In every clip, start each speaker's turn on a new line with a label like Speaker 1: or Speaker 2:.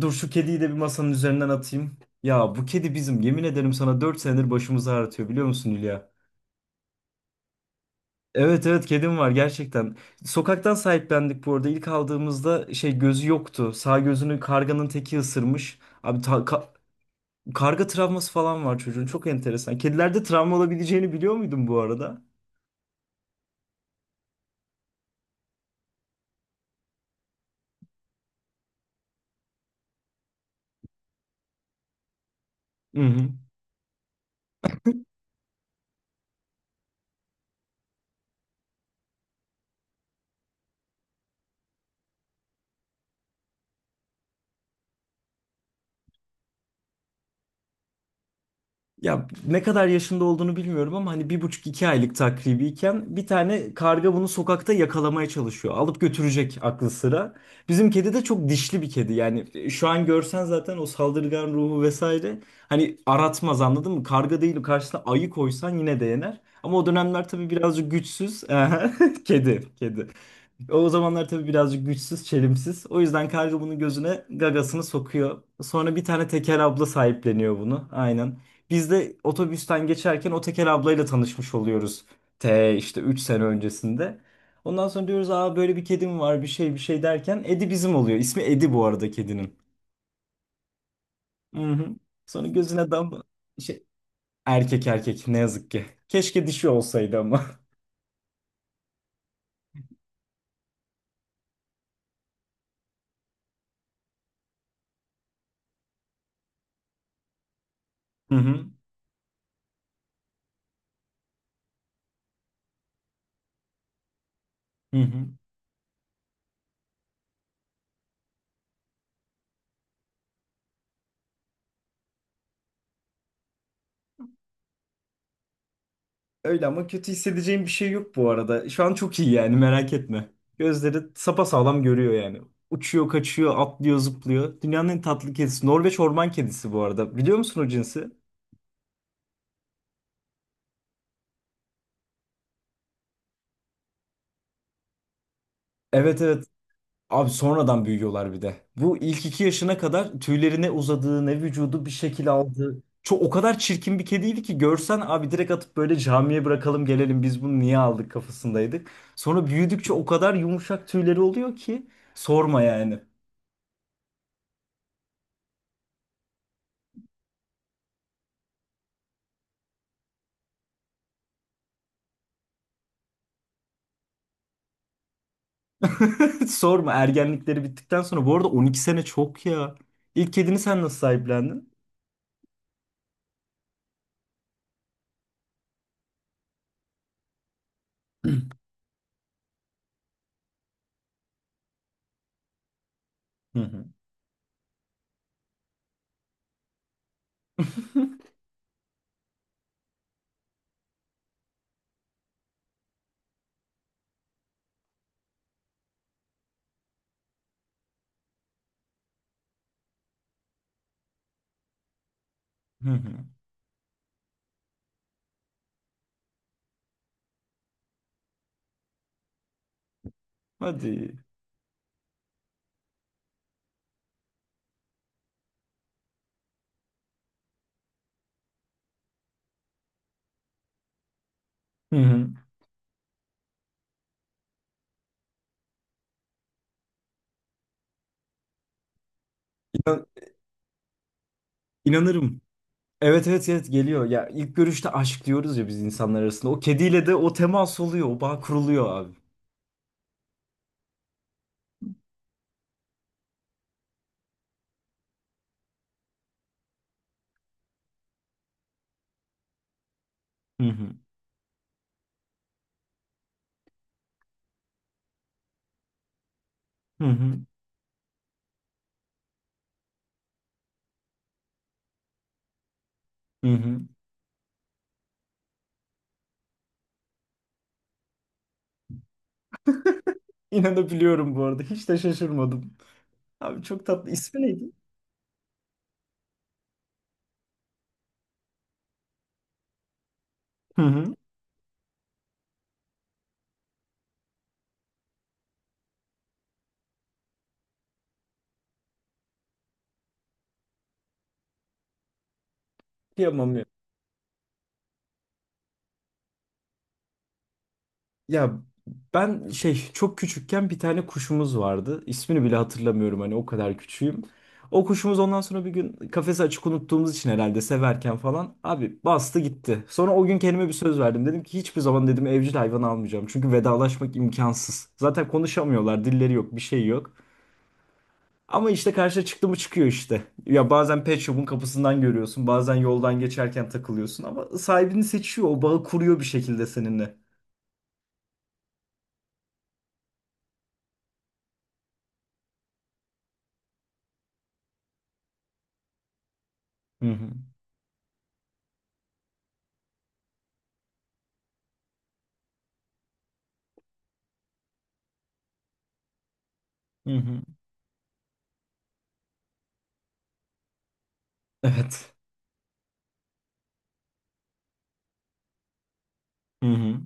Speaker 1: Dur şu kediyi de bir masanın üzerinden atayım. Ya bu kedi bizim yemin ederim sana 4 senedir başımızı ağrıtıyor biliyor musun, Hülya? Evet, evet, kedim var gerçekten. Sokaktan sahiplendik bu arada. İlk aldığımızda şey, gözü yoktu. Sağ gözünü karganın teki ısırmış. Abi karga travması falan var çocuğun. Çok enteresan. Kedilerde travma olabileceğini biliyor muydun bu arada? Hı hı. Ya ne kadar yaşında olduğunu bilmiyorum ama hani bir buçuk iki aylık takribiyken bir tane karga bunu sokakta yakalamaya çalışıyor. Alıp götürecek aklı sıra. Bizim kedi de çok dişli bir kedi. Yani şu an görsen zaten o saldırgan ruhu vesaire hani aratmaz, anladın mı? Karga değil, karşısına ayı koysan yine de yener. Ama o dönemler tabii birazcık güçsüz. Kedi, kedi. O zamanlar tabii birazcık güçsüz, çelimsiz. O yüzden karga bunun gözüne gagasını sokuyor. Sonra bir tane teker abla sahipleniyor bunu. Aynen. Biz de otobüsten geçerken o teker ablayla tanışmış oluyoruz. T işte 3 sene öncesinde. Ondan sonra diyoruz aa böyle bir kedim var, bir şey bir şey derken Edi bizim oluyor. İsmi Edi bu arada kedinin. Hı-hı. Sonra gözüne dam şey, erkek, erkek ne yazık ki. Keşke dişi olsaydı ama. Hı hı. Hı hı. Öyle ama kötü hissedeceğim bir şey yok bu arada. Şu an çok iyi, yani merak etme. Gözleri sapasağlam, görüyor yani. Uçuyor, kaçıyor, atlıyor, zıplıyor. Dünyanın en tatlı kedisi. Norveç orman kedisi bu arada. Biliyor musun o cinsi? Evet, evet. Abi sonradan büyüyorlar bir de. Bu ilk 2 yaşına kadar tüylerine uzadığı ne vücudu bir şekil aldı. Çok, o kadar çirkin bir kediydi ki görsen abi direkt atıp böyle camiye bırakalım gelelim, biz bunu niye aldık kafasındaydık. Sonra büyüdükçe o kadar yumuşak tüyleri oluyor ki sorma yani. Hiç sorma, ergenlikleri bittikten sonra. Bu arada 12 sene çok ya. İlk kedini sen nasıl sahiplendin? Hı hı. Hı hı. Hadi. Hı hı. İnan- inanırım. Evet, evet, evet, geliyor. Ya ilk görüşte aşk diyoruz ya biz insanlar arasında. O kediyle de o temas oluyor. O bağ kuruluyor abi. Hı hı. Hı hı. Hı hı. İnanabiliyorum bu arada. Hiç de şaşırmadım. Abi çok tatlı. İsmi neydi? Hı hı. Kıyamam. Ya ben şey, çok küçükken bir tane kuşumuz vardı. İsmini bile hatırlamıyorum, hani o kadar küçüğüm. O kuşumuz ondan sonra bir gün kafesi açık unuttuğumuz için herhalde severken falan abi bastı gitti. Sonra o gün kendime bir söz verdim. Dedim ki hiçbir zaman dedim evcil hayvan almayacağım. Çünkü vedalaşmak imkansız. Zaten konuşamıyorlar, dilleri yok, bir şey yok. Ama işte karşıya çıktı mı çıkıyor işte. Ya bazen pet shop'un kapısından görüyorsun, bazen yoldan geçerken takılıyorsun ama sahibini seçiyor, o bağı kuruyor bir şekilde seninle. Hı hı. Hı hı. Evet. Hı hı.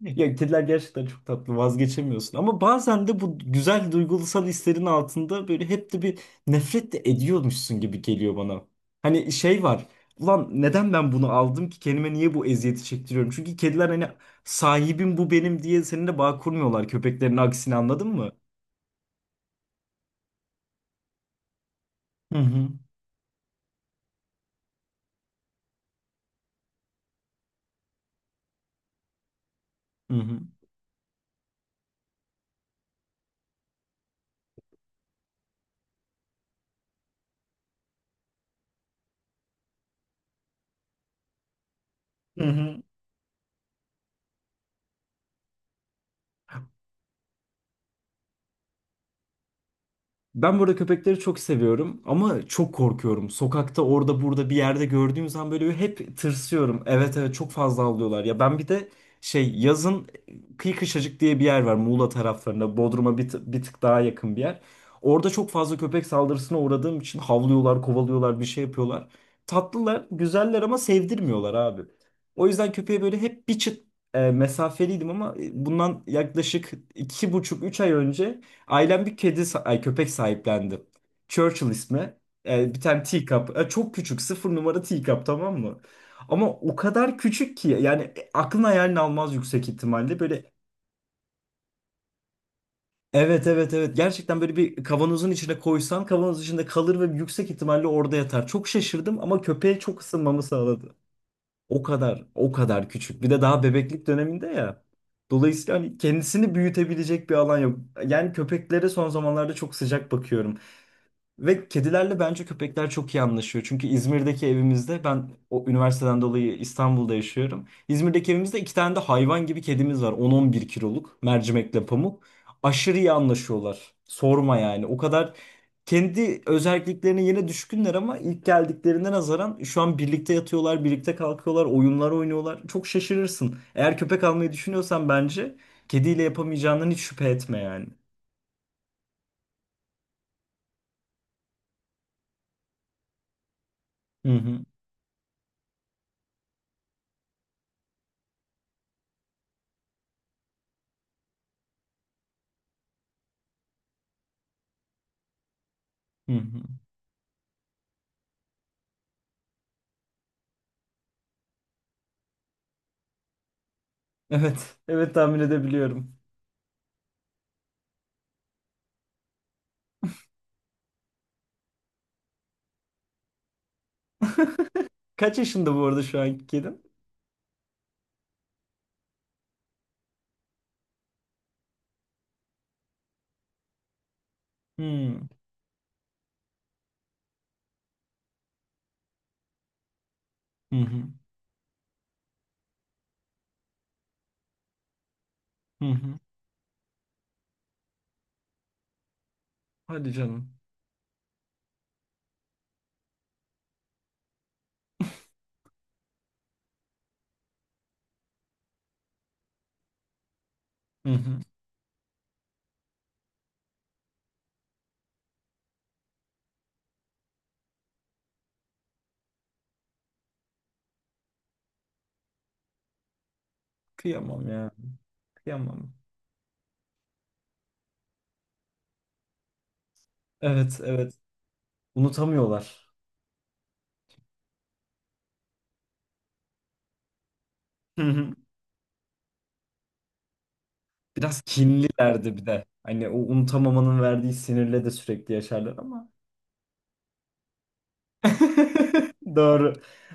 Speaker 1: Ya kediler gerçekten çok tatlı, vazgeçemiyorsun ama bazen de bu güzel duygusal hislerin altında böyle hep de bir nefret de ediyormuşsun gibi geliyor bana. Hani şey var, ulan neden ben bunu aldım ki kendime, niye bu eziyeti çektiriyorum? Çünkü kediler hani sahibim, bu benim diye seninle bağ kurmuyorlar, köpeklerin aksine, anladın mı? Hı hı. Hı hı. Hı hı. Ben burada köpekleri çok seviyorum ama çok korkuyorum. Sokakta orada burada bir yerde gördüğüm zaman böyle hep tırsıyorum. Evet, evet, çok fazla avlıyorlar. Ya ben bir de şey, yazın Kıyı Kışlacık diye bir yer var, Muğla taraflarında. Bodrum'a bir tık daha yakın bir yer. Orada çok fazla köpek saldırısına uğradığım için havlıyorlar, kovalıyorlar, bir şey yapıyorlar. Tatlılar, güzeller ama sevdirmiyorlar abi. O yüzden köpeğe böyle hep bir çıt mesafeliydim ama bundan yaklaşık 2,5, 3 ay önce ailem bir kedi, sa- ay köpek sahiplendi. Churchill ismi. Bir tane teacup. Çok küçük. Sıfır numara teacup, tamam mı? Ama o kadar küçük ki yani aklın hayalini almaz yüksek ihtimalle. Böyle evet, evet, evet, gerçekten böyle bir kavanozun içine koysan kavanoz içinde kalır ve yüksek ihtimalle orada yatar. Çok şaşırdım ama köpeğe çok ısınmamı sağladı. O kadar, o kadar küçük. Bir de daha bebeklik döneminde ya. Dolayısıyla hani kendisini büyütebilecek bir alan yok. Yani köpeklere son zamanlarda çok sıcak bakıyorum. Ve kedilerle bence köpekler çok iyi anlaşıyor. Çünkü İzmir'deki evimizde, ben o üniversiteden dolayı İstanbul'da yaşıyorum. İzmir'deki evimizde iki tane de hayvan gibi kedimiz var. 10 11 kiloluk mercimekle pamuk. Aşırı iyi anlaşıyorlar. Sorma yani. O kadar kendi özelliklerine yine düşkünler ama ilk geldiklerine nazaran şu an birlikte yatıyorlar, birlikte kalkıyorlar, oyunlar oynuyorlar. Çok şaşırırsın. Eğer köpek almayı düşünüyorsan bence kediyle yapamayacağından hiç şüphe etme yani. Hı hı. Hı hı. Evet. Evet, tahmin edebiliyorum. Kaç yaşında bu arada şu anki kedin? Hmm. Hı hı. Hı hı. Hadi canım. Hı hı. Kıyamam ya. Kıyamam. Evet, evet. Unutamıyorlar. Hı hı. Biraz kinlilerdi bir de. Hani o unutamamanın verdiği sinirle de sürekli yaşarlar ama. Doğru.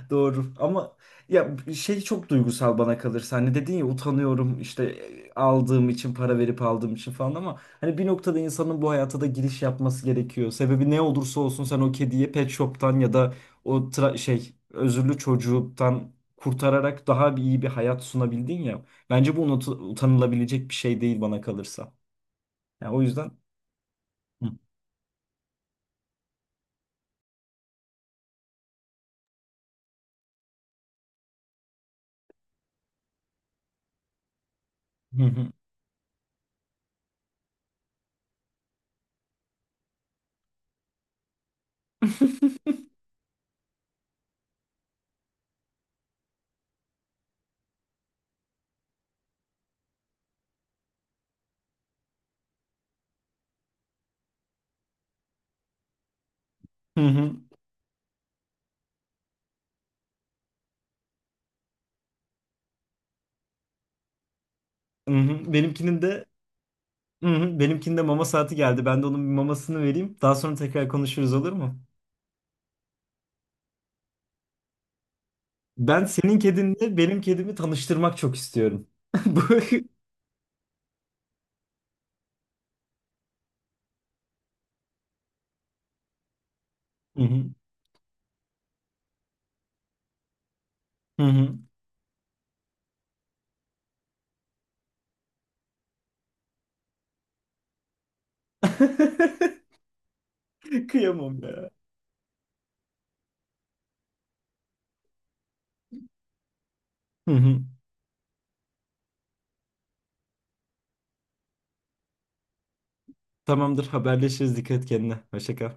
Speaker 1: Doğru. Ama ya şey, çok duygusal bana kalırsa. Hani dedin ya utanıyorum işte aldığım için, para verip aldığım için falan ama hani bir noktada insanın bu hayata da giriş yapması gerekiyor. Sebebi ne olursa olsun sen o kediyi pet shop'tan ya da o özürlü çocuktan kurtararak daha bir iyi bir hayat sunabildin ya. Bence bu utanılabilecek bir şey değil bana kalırsa. Yani o yüzden. Hı hı. Hı hı. Hı hı. Benimkinin de. Hı hı. Benimkinde mama saati geldi. Ben de onun bir mamasını vereyim. Daha sonra tekrar konuşuruz, olur mu? Ben senin kedinle benim kedimi tanıştırmak çok istiyorum. Bu... Hı hı, hı hı. Kıyamam ya. Hı hı. Tamamdır, haberleşiriz. Dikkat et kendine. Hoşça kal.